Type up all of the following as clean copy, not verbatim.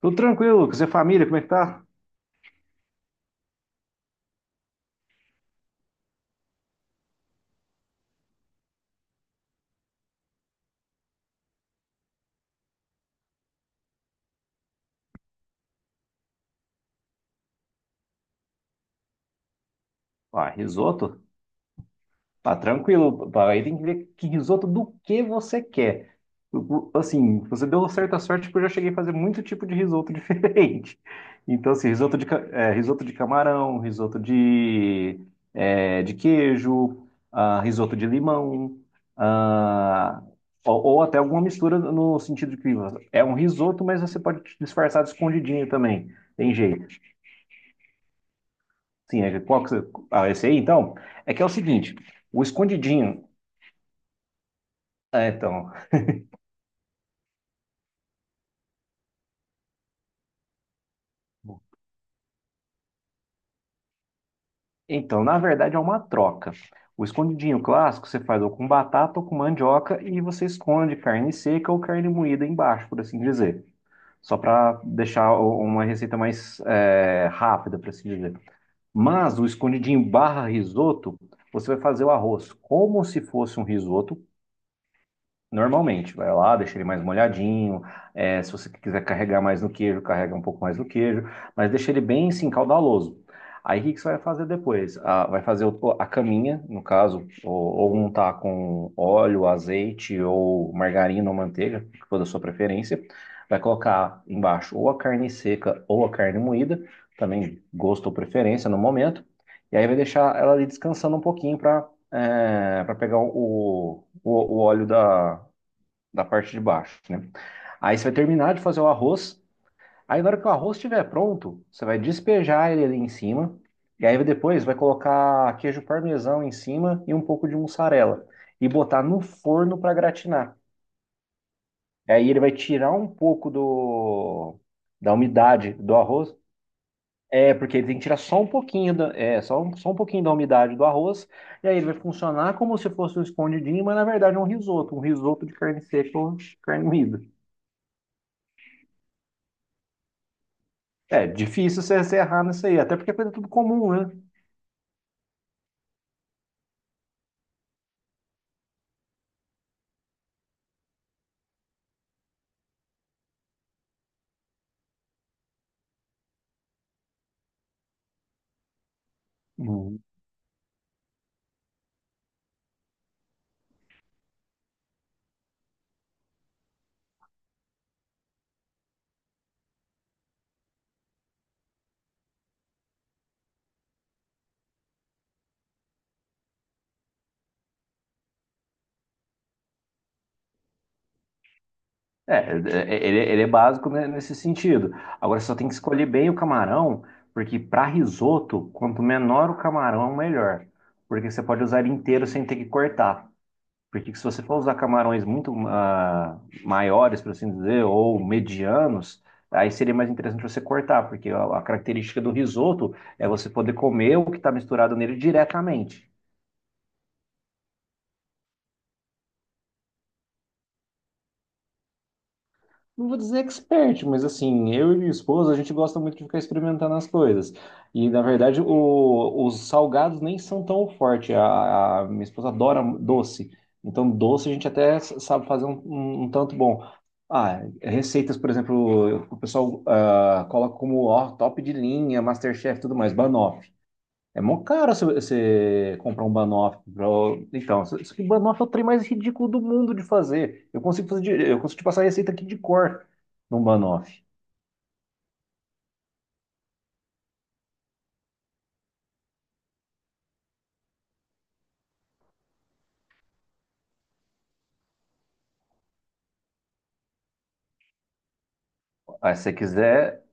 Tudo tranquilo, Lucas. E a família, como é que tá? Ah, risoto? Tá tranquilo, pá. Aí tem que ver que risoto do que você quer. Assim, você deu certa sorte porque eu já cheguei a fazer muito tipo de risoto diferente. Então, assim, risoto de camarão, risoto de queijo, risoto de limão, ah, ou até alguma mistura no sentido de que é um risoto, mas você pode disfarçar de escondidinho também. Tem jeito. Sim, qual que você... Ah, esse aí, então? É que é o seguinte, o escondidinho... É, então, na verdade é uma troca. O escondidinho clássico você faz ou com batata ou com mandioca e você esconde carne seca ou carne moída embaixo, por assim dizer. Só para deixar uma receita mais rápida, por assim dizer. Mas o escondidinho barra risoto, você vai fazer o arroz como se fosse um risoto. Normalmente, vai lá, deixa ele mais molhadinho. É, se você quiser carregar mais no queijo, carrega um pouco mais no queijo, mas deixa ele bem assim, caudaloso. Aí o que que você vai fazer depois? Ah, vai fazer a caminha, no caso, ou, untar com óleo, azeite, ou margarina ou manteiga, que for da sua preferência. Vai colocar embaixo ou a carne seca ou a carne moída, também gosto ou preferência no momento. E aí vai deixar ela ali descansando um pouquinho para pegar o óleo da parte de baixo, né? Aí você vai terminar de fazer o arroz. Aí na hora que o arroz estiver pronto, você vai despejar ele ali em cima. E aí depois vai colocar queijo parmesão em cima e um pouco de mussarela. E botar no forno para gratinar. Aí ele vai tirar um pouco da umidade do arroz. É, porque ele tem que tirar só um pouquinho da umidade do arroz, e aí ele vai funcionar como se fosse um escondidinho, mas na verdade é um risoto de carne seca ou de carne moída. É difícil você errar nisso aí, até porque é coisa tudo comum, né? Uhum. É, ele é básico, né, nesse sentido. Agora só tem que escolher bem o camarão, porque para risoto, quanto menor o camarão, melhor. Porque você pode usar ele inteiro sem ter que cortar. Porque se você for usar camarões muito maiores, por assim dizer, ou medianos, aí seria mais interessante você cortar, porque a característica do risoto é você poder comer o que está misturado nele diretamente. Não vou dizer expert, mas assim, eu e minha esposa, a gente gosta muito de ficar experimentando as coisas. E na verdade, os salgados nem são tão fortes. A minha esposa adora doce. Então, doce a gente até sabe fazer um tanto bom. Ah, receitas, por exemplo, o pessoal coloca como ó, top de linha, Masterchef e tudo mais, banoffee. É mó caro você comprar um banoffee. Então, só que Banoff é o trem mais ridículo do mundo de fazer. Eu consigo te passar a receita aqui de cor num banoffee. Aí, se você quiser,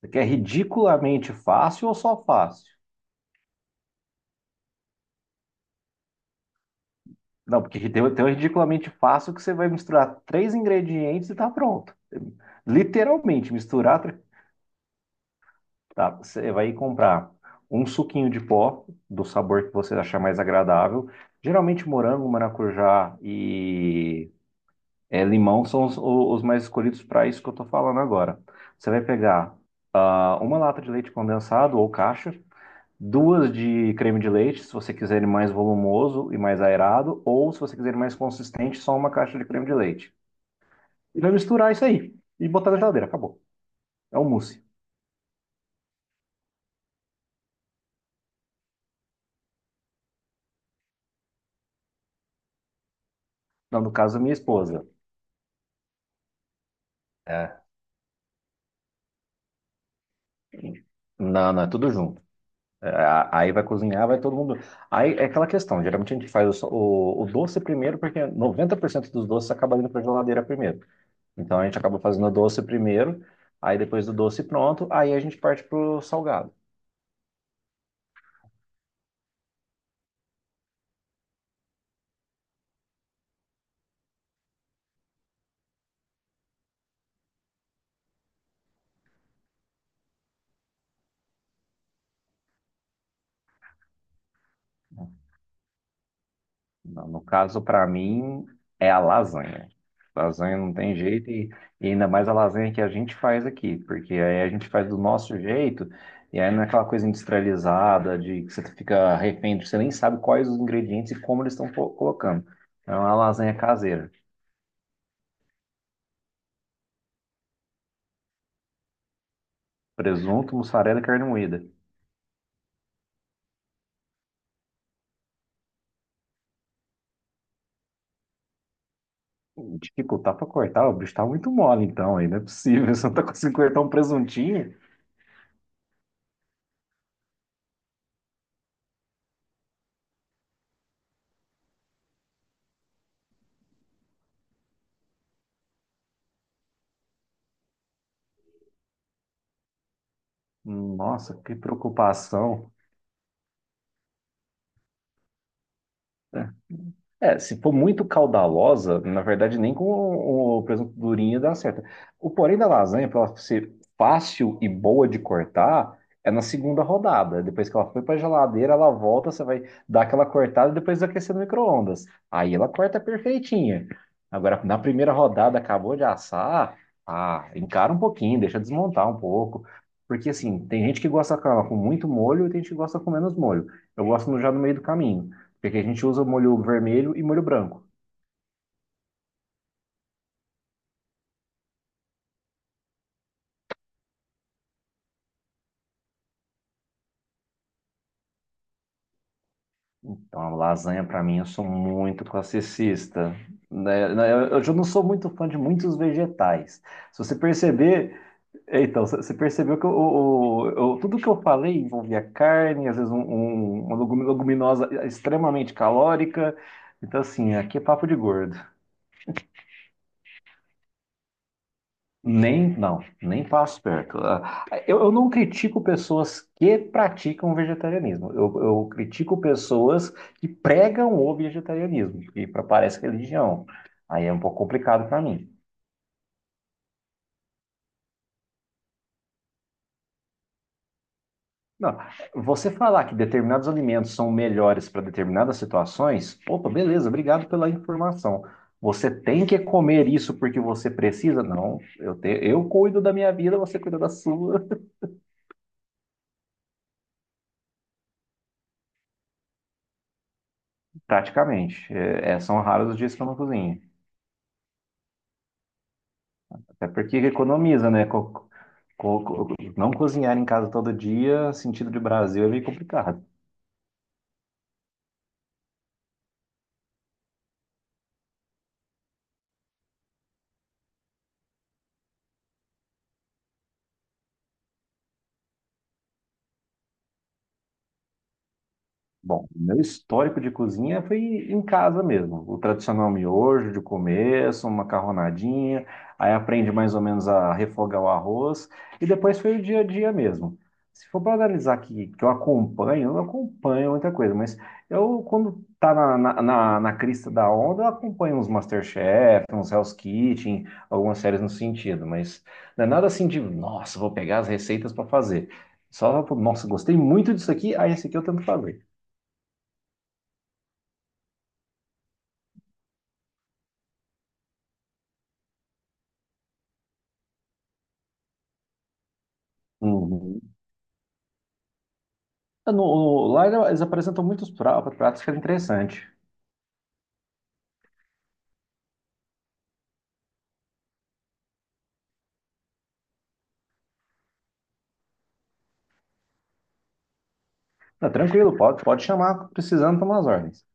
você quer ridiculamente fácil ou só fácil? Não, porque tem o ridiculamente fácil que você vai misturar três ingredientes e tá pronto. Literalmente, misturar. Tá, você vai comprar um suquinho de pó do sabor que você achar mais agradável. Geralmente morango, maracujá e limão são os mais escolhidos para isso que eu estou falando agora. Você vai pegar uma lata de leite condensado ou caixa, duas de creme de leite, se você quiser ele mais volumoso e mais aerado, ou se você quiser ele mais consistente, só uma caixa de creme de leite. E vai misturar isso aí e botar na geladeira, acabou. É um mousse. Não, no caso, minha esposa. É. Não, não, é tudo junto. É, aí vai cozinhar, vai todo mundo. Aí é aquela questão, geralmente a gente faz o, so- o doce primeiro, porque 90% dos doces acaba indo para geladeira primeiro. Então a gente acaba fazendo o doce primeiro, aí depois do doce pronto, aí a gente parte pro salgado. No caso, para mim, é a lasanha. Lasanha não tem jeito e ainda mais a lasanha que a gente faz aqui, porque aí a gente faz do nosso jeito e aí não é aquela coisa industrializada de que você fica refém, você nem sabe quais os ingredientes e como eles estão colocando. Então, é uma lasanha caseira, presunto, mussarela e carne moída. Dificultar pra cortar, o bicho tá muito mole então, aí não é possível. Você não tá conseguindo cortar um presuntinho? Nossa, que preocupação. É, se for muito caudalosa, na verdade, nem com o presunto durinho dá certo. O porém da lasanha, para ela ser fácil e boa de cortar, é na segunda rodada. Depois que ela foi para a geladeira, ela volta, você vai dar aquela cortada e depois aquecer no micro-ondas. Aí ela corta perfeitinha. Agora, na primeira rodada, acabou de assar, encara um pouquinho, deixa desmontar um pouco. Porque, assim, tem gente que gosta com ela com muito molho e tem gente que gosta com menos molho. Eu gosto já no meio do caminho. Porque a gente usa molho vermelho e molho branco. Então, a lasanha, para mim, eu sou muito classicista. Né? Né, Eu já não sou muito fã de muitos vegetais. Se você perceber, então, você percebeu que tudo que eu falei envolvia carne, às vezes uma leguminosa extremamente calórica. Então, assim, aqui é papo de gordo. Nem, não, nem passo perto. Ah, Eu não critico pessoas que praticam vegetarianismo. Eu critico pessoas que pregam o vegetarianismo, que parece religião. Aí é um pouco complicado para mim. Não, você falar que determinados alimentos são melhores para determinadas situações, opa, beleza, obrigado pela informação. Você tem que comer isso porque você precisa? Não, eu cuido da minha vida, você cuida da sua. Praticamente. É, são raros os dias que eu não cozinho. Até porque economiza, né? Não cozinhar em casa todo dia, sentido de Brasil, é meio complicado. Bom, meu histórico de cozinha foi em casa mesmo. O tradicional miojo de começo, uma macarronadinha, aí aprende mais ou menos a refogar o arroz, e depois foi o dia a dia mesmo. Se for para analisar aqui, que eu acompanho, eu não acompanho muita coisa, mas eu, quando tá na crista da onda, eu acompanho uns MasterChef, uns Hell's Kitchen, algumas séries nesse sentido, mas não é nada assim de, nossa, vou pegar as receitas para fazer. Só, nossa, gostei muito disso aqui, aí esse aqui eu tento fazer. Uhum. É, lá eles apresentam muitos pratos que é interessante. Tá tranquilo, pode chamar precisando tomar as ordens.